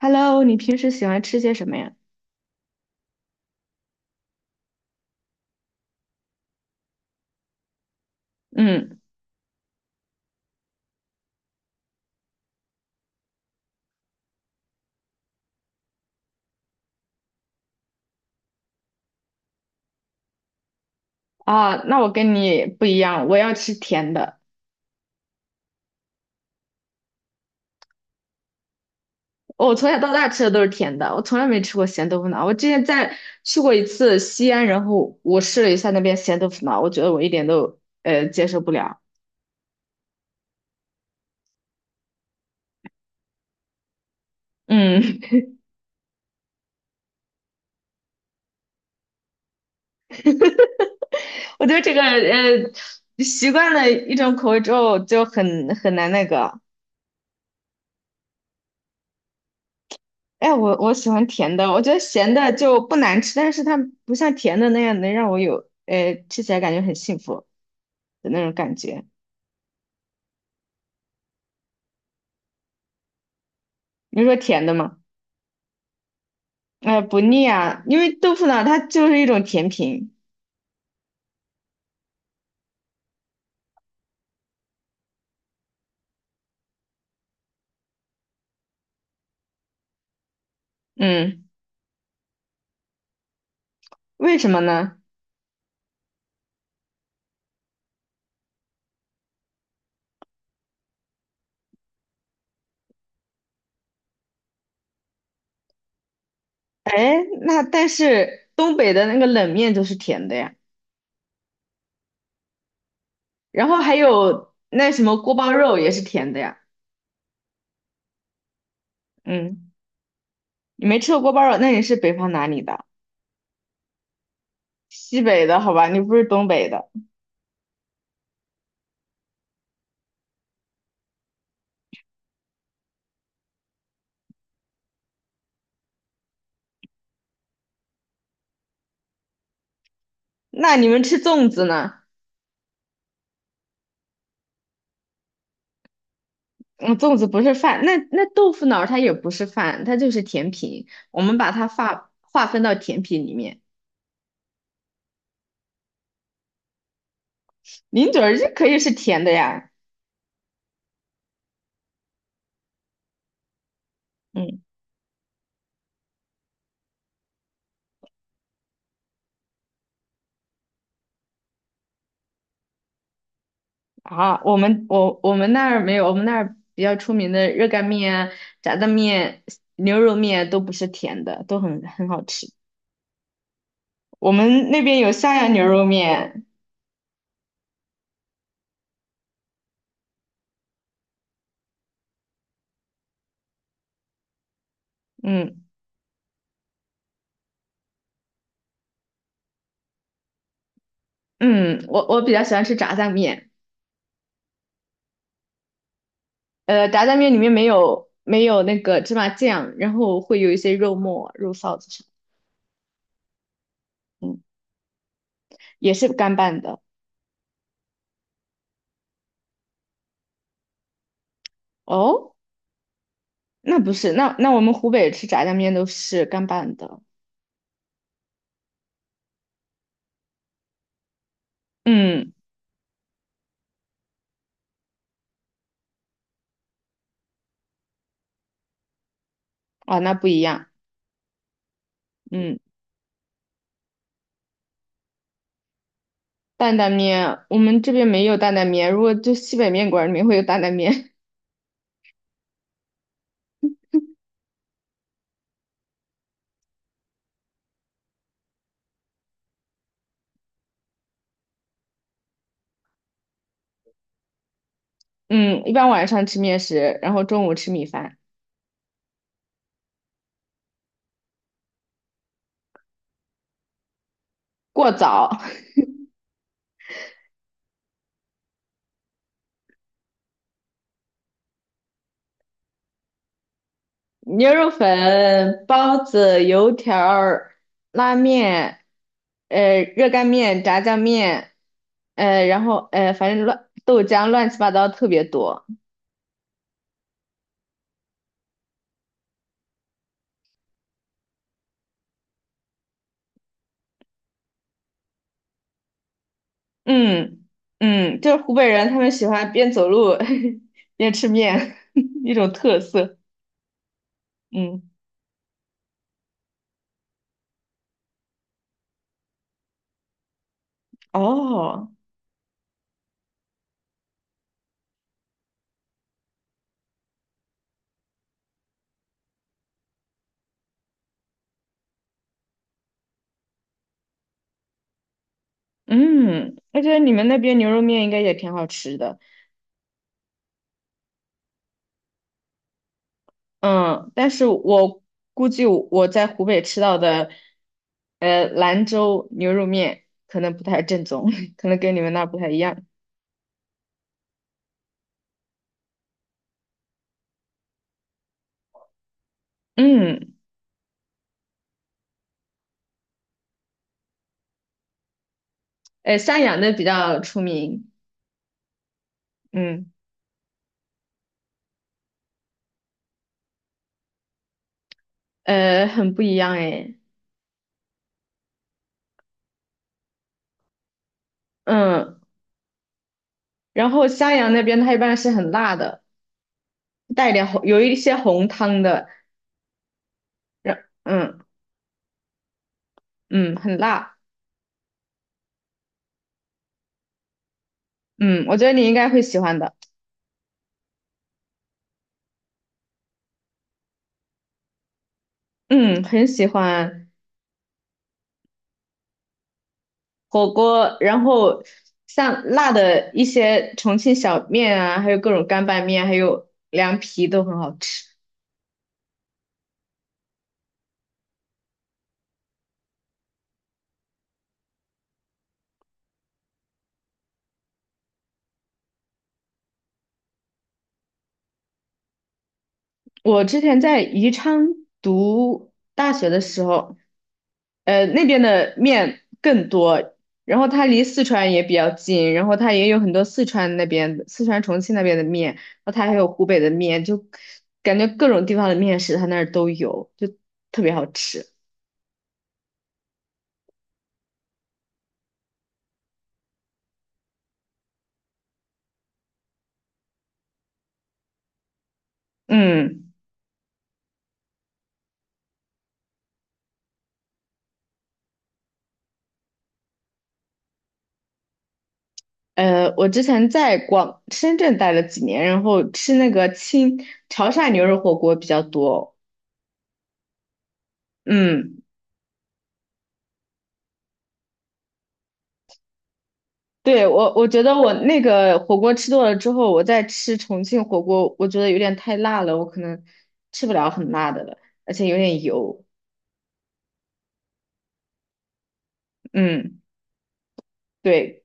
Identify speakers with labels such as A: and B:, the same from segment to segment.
A: Hello，你平时喜欢吃些什么呀？嗯那我跟你不一样，我要吃甜的。我从小到大吃的都是甜的，我从来没吃过咸豆腐脑。我之前在去过一次西安，然后我试了一下那边咸豆腐脑，我觉得我一点都接受不了。嗯。我觉得这个习惯了一种口味之后就很难那个。哎，我喜欢甜的，我觉得咸的就不难吃，但是它不像甜的那样能让我有吃起来感觉很幸福的那种感觉。你说甜的吗？哎，不腻啊，因为豆腐脑它就是一种甜品。嗯，为什么呢？哎，那但是东北的那个冷面就是甜的呀，然后还有那什么锅包肉也是甜的呀。嗯，你没吃过锅包肉，那你是北方哪里的？西北的好吧，你不是东北的。那你们吃粽子呢？嗯，粽子不是饭，那那豆腐脑儿它也不是饭，它就是甜品。我们把它划分到甜品里面，零嘴儿就可以是甜的呀。嗯。啊，我我们那儿没有，我们那儿比较出名的热干面啊、炸酱面、牛肉面都不是甜的，都很好吃。我们那边有襄阳牛肉面，嗯嗯，我比较喜欢吃炸酱面。炸酱面里面没有那个芝麻酱，然后会有一些肉末、肉臊子什么，嗯，也是干拌的。哦，那不是，那那我们湖北吃炸酱面都是干拌的，嗯，啊，那不一样，嗯。担担面，我们这边没有担担面，如果就西北面馆里面会有担担面。嗯，一般晚上吃面食，然后中午吃米饭，过早 牛肉粉、包子、油条儿拉面，热干面、炸酱面，反正乱豆浆乱七八糟特别多。嗯嗯，就是湖北人他们喜欢边走路 边吃面，一种特色。嗯，哦。嗯，而且你们那边牛肉面应该也挺好吃的。嗯，但是我估计我在湖北吃到的，兰州牛肉面可能不太正宗，可能跟你们那儿不太一样。嗯。襄阳的比较出名。嗯。很不一样诶。嗯，然后襄阳那边它一般是很辣的，带一点红，有一些红汤的。然，嗯嗯，很辣。嗯，我觉得你应该会喜欢的。嗯，很喜欢。火锅，然后像辣的一些重庆小面啊，还有各种干拌面，还有凉皮都很好吃。我之前在宜昌读大学的时候，那边的面更多，然后它离四川也比较近，然后它也有很多四川重庆那边的面，然后它还有湖北的面，就感觉各种地方的面食它那儿都有，就特别好吃。嗯。我之前在广深圳待了几年，然后吃那个清潮汕牛肉火锅比较多。嗯，对。我我觉得我那个火锅吃多了之后，我再吃重庆火锅，我觉得有点太辣了，我可能吃不了很辣的了，而且有点油。嗯，对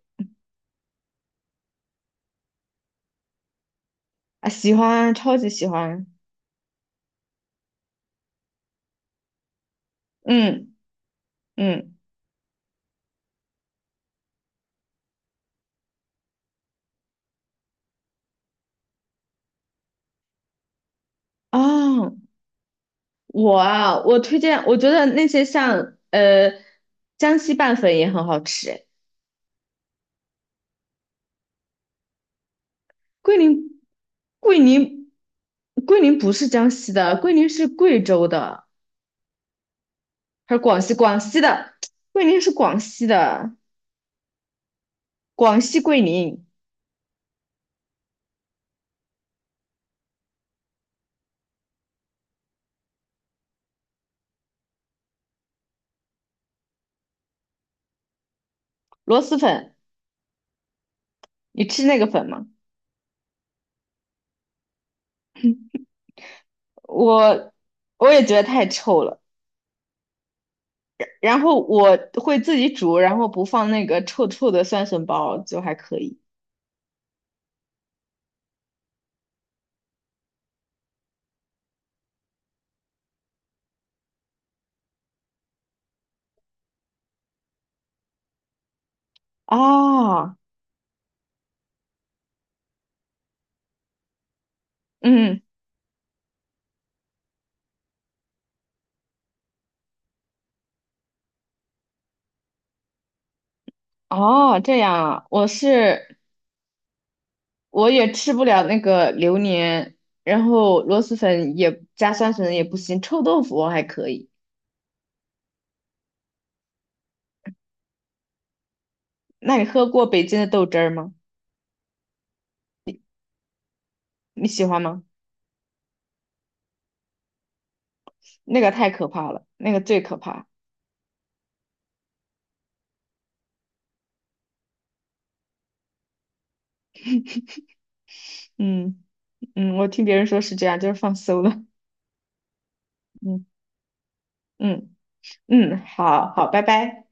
A: 啊，喜欢，超级喜欢。嗯嗯。啊，我推荐，我觉得那些像江西拌粉也很好吃。桂林，桂林，桂林不是江西的，桂林是贵州的，还是广西？广西的，桂林是广西的，广西桂林螺蛳粉，你吃那个粉吗？我我也觉得太臭了，然后我会自己煮，然后不放那个臭臭的酸笋包，就还可以。哦，嗯，哦，这样啊，我也吃不了那个榴莲，然后螺蛳粉也加酸笋也不行，臭豆腐我还可以。那你喝过北京的豆汁儿吗？你喜欢吗？那个太可怕了，那个最可怕。嗯嗯，我听别人说是这样，就是放馊了。嗯嗯嗯，好好，拜拜。